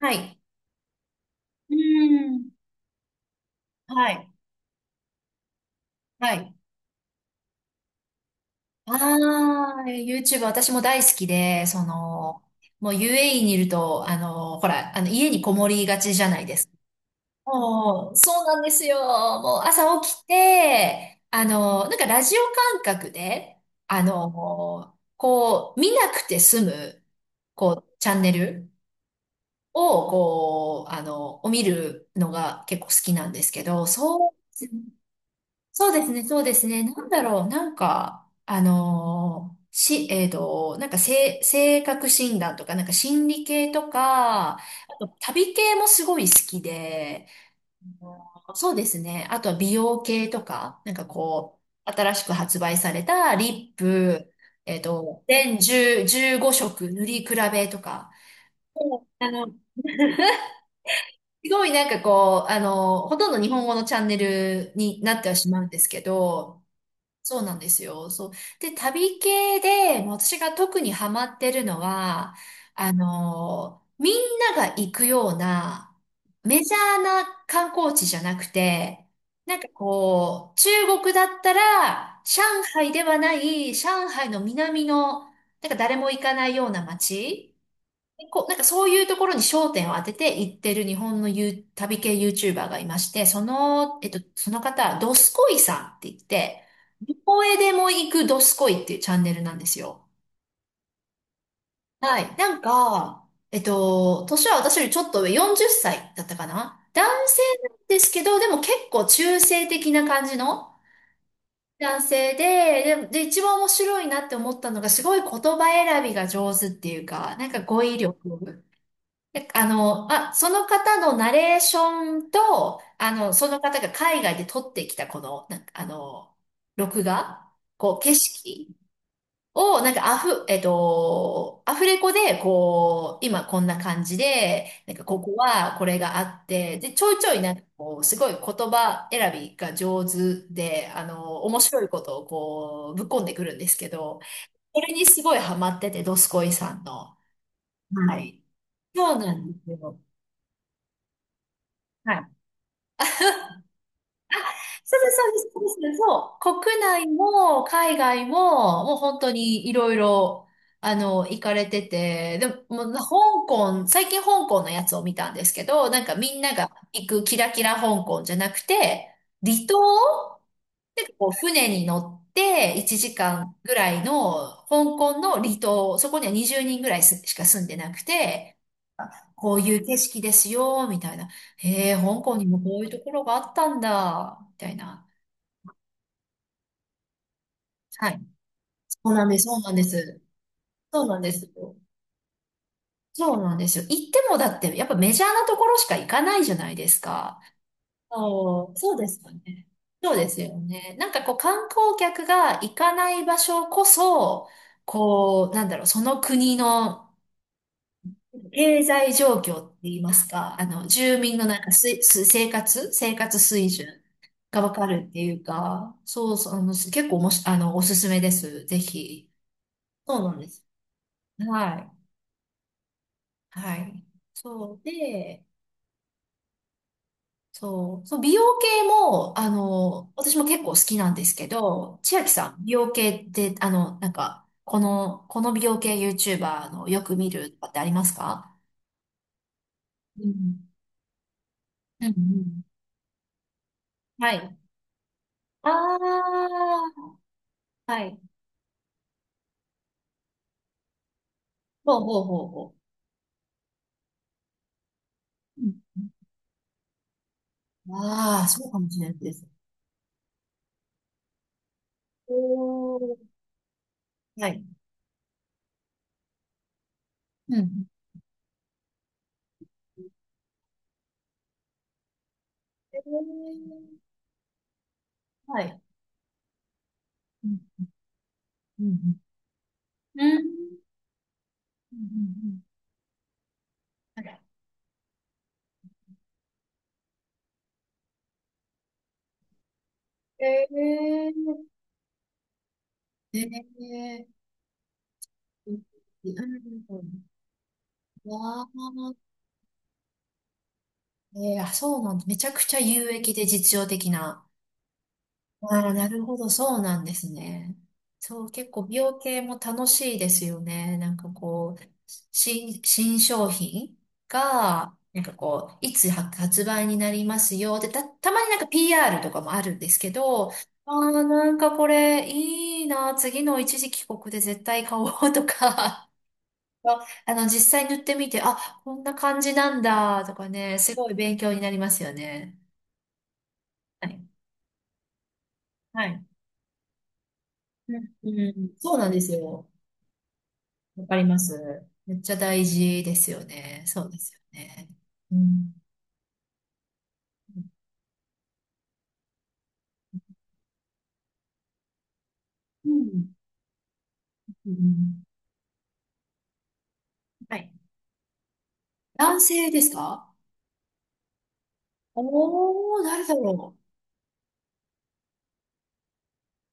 はい。うーん。はい。はい。ああ、YouTube 私も大好きで、もう UAE にいると、ほら、家にこもりがちじゃないですか。もう、そうなんですよ。もう朝起きて、なんかラジオ感覚で、こう、見なくて済む、こう、チャンネルを、こう、あの、を見るのが結構好きなんですけど、そう、そうですね、そうですね。なんだろう、なんか、あのーし、えっと、なんか、性格診断とか、なんか心理系とか、あと旅系もすごい好きで、そうですね。あとは美容系とか、なんかこう、新しく発売されたリップ、全10、15色塗り比べとか、あの、すごいなんかこう、ほとんど日本語のチャンネルになってはしまうんですけど、そうなんですよ。そう。で、旅系で、もう私が特にハマってるのは、みんなが行くような、メジャーな観光地じゃなくて、なんかこう、中国だったら、上海ではない、上海の南の、なんか誰も行かないような街こう、なんかそういうところに焦点を当てて行ってる日本のゆう旅系 YouTuber がいまして、その方、ドスコイさんって言って、どこへでも行くドスコイっていうチャンネルなんですよ。はい。なんか、年は私よりちょっと上、40歳だったかな男性なんですけど、でも結構中性的な感じの男性で、一番面白いなって思ったのが、すごい言葉選びが上手っていうか、なんか語彙力。で、その方のナレーションと、その方が海外で撮ってきたこの、なんか、録画、こう、景色を、なんかアフ、えっと、アフレコで、こう、今こんな感じで、なんかここはこれがあって、で、ちょいちょいなんかこう、すごい言葉選びが上手で、面白いことをこう、ぶっこんでくるんですけど、これにすごいハマってて、ドスコイさんの。はい。そうなんですよ。はい。そうです、そうです、そうです。そう。国内も海外も、もう本当にいろいろ、行かれてて、でも、もう最近香港のやつを見たんですけど、なんかみんなが行くキラキラ香港じゃなくて、離島を船に乗って1時間ぐらいの香港の離島、そこには20人ぐらいしか住んでなくて、こういう景色ですよ、みたいな。へえ、香港にもこういうところがあったんだ、みたいな。はい。そうなんです、そうなんです。そうなんですよ。そうなんですよ。行ってもだって、やっぱメジャーなところしか行かないじゃないですか。そう、そうですよね。そうですよね。なんかこう観光客が行かない場所こそ、こう、なんだろう、その国の経済状況って言いますか、住民のなんかす、す、生活、生活水準がわかるっていうか、そうそう、結構おもし、あの、おすすめです。ぜひ。そうなんです。はい。はい。そうで、そう、そう、美容系も、私も結構好きなんですけど、千秋さん、美容系って、なんか、この美容系 YouTuber のよく見るとかってありますか？うん。うんうん。はい。ああ、はい。ほうほうほうほう。うん。ああ、そうかもしれないです。おー、はい。うん。えー、はい。うんうんうんうん。うんうんうん。ええー。ええ。うんうん。わあ、えー、あ、そうなんだ。めちゃくちゃ有益で実用的な。ああ、なるほど、そうなんですね。そう、結構美容系も楽しいですよね。なんかこう、新商品が、なんかこう、いつ発売になりますよ。で、たまになんか PR とかもあるんですけど、ああ、なんかこれいいな。次の一時帰国で絶対買おうとか。あ、実際塗ってみて、あ、こんな感じなんだ、とかね、すごい勉強になりますよね。はい。はい。うん、うんそうなんですよ。わかります。めっちゃ大事ですよね。そうですよね。うん。うん。うん。はい。男性ですか？おー、誰だろ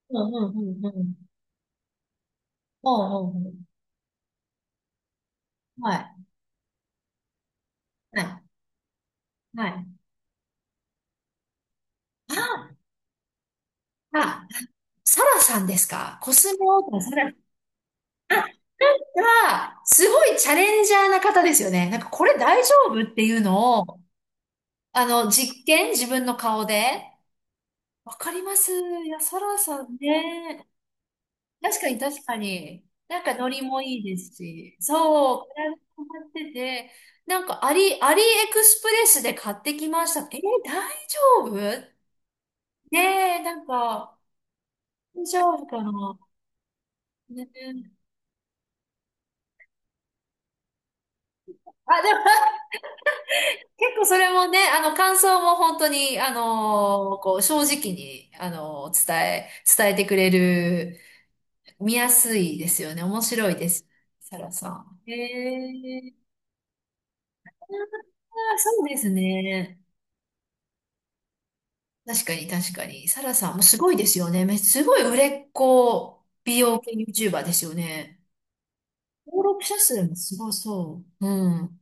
う。うんうんうんうん。うんうんうん。はい。はい。はい。あ、あ、サラさんですか？コスモータサラ。が、すごいチャレンジャーな方ですよね。なんかこれ大丈夫っていうのを、実験、自分の顔で。わかります。いや、サラさんね。確かに、確かに。なんかノリもいいですし。そう、体も張ってて、なんかアリエクスプレスで買ってきました。えー、大丈夫。ねえ、なんか、大丈夫かな？ねえ。あ、でも結構それもね、感想も本当に、正直に、伝えてくれる、見やすいですよね。面白いです。サラさん。へえ、あー、そうですね。確かに、確かに。サラさんもすごいですよね。すごい売れっ子美容系 YouTuber ですよね。登録者数もすごそう。うん。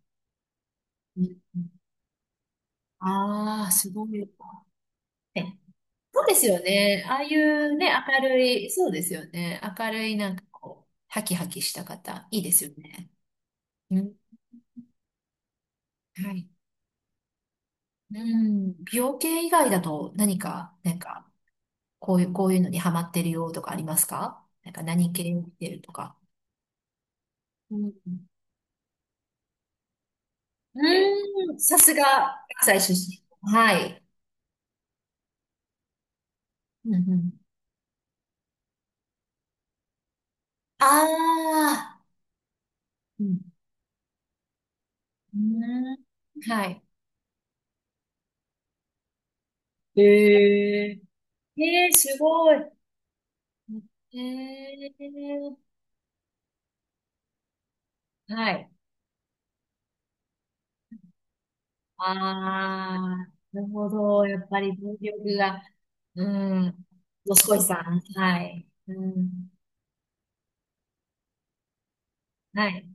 ああー、すごい。そうですよね。ああいうね、明るい、そうですよね。明るい、なんかこう、ハキハキした方、いいですよね。うん。はい。うん。美容系以外だと何か、なんか、こういうのにハマってるよとかありますか？なんか何系を見てるとか。うん。うん。さすが、関西出身。はい。うんうん。ああ。うん。うん。はい。ええええ、すごい。ええ、はい。ああ、なるほど。やっぱり動力が、うん。どすこいさん。はい。うん。はい。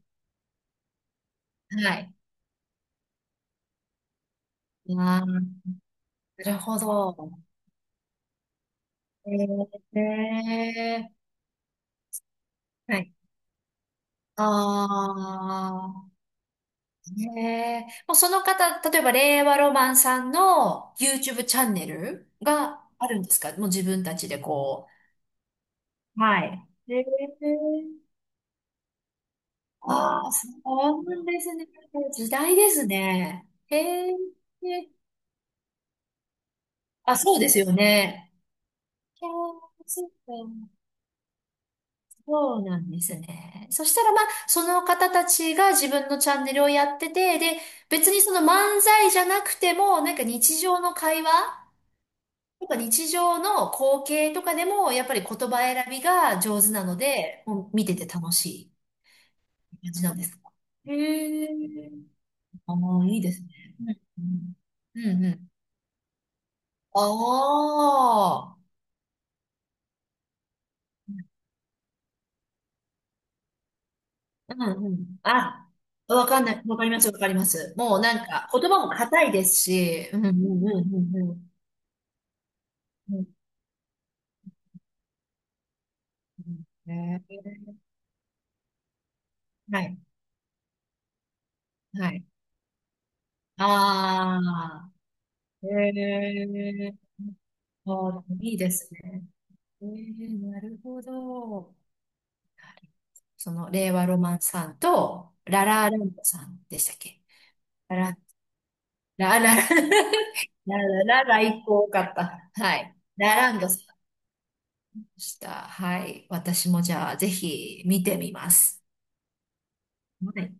はい。ああ、なるほど。ええ、はい。ああ、ええ、もうその方、例えば令和ロマンさんの YouTube チャンネルがあるんですか？もう自分たちでこう。はい。ええ、ああ、そうなんですね。時代ですね。へえ。あ、そうですよね。いやー、そうか。そうなんですね。そしたらまあ、その方たちが自分のチャンネルをやってて、で、別にその漫才じゃなくても、なんか日常の会話とか日常の光景とかでも、やっぱり言葉選びが上手なので、もう見てて楽しい感じなんですか？へえ。ああ、いいですね。うんうん。うんうん。おお、うんうん、あ、分かんない、わかります、わかります。もうなんか言葉も硬いですし、うんうんうんうんうん、うんうん、へえ、はいはい、ああ、へえ、あー、いいですね。ええ、なるほど。そのレイワロマンさんとララランドさんでしたっけ？ララララ ララララ最高かった。はい、ラランドさん。した。はい。私もじゃあ、ぜひ見てみます。はい。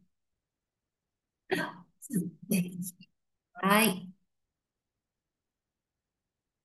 ぜひ。はい。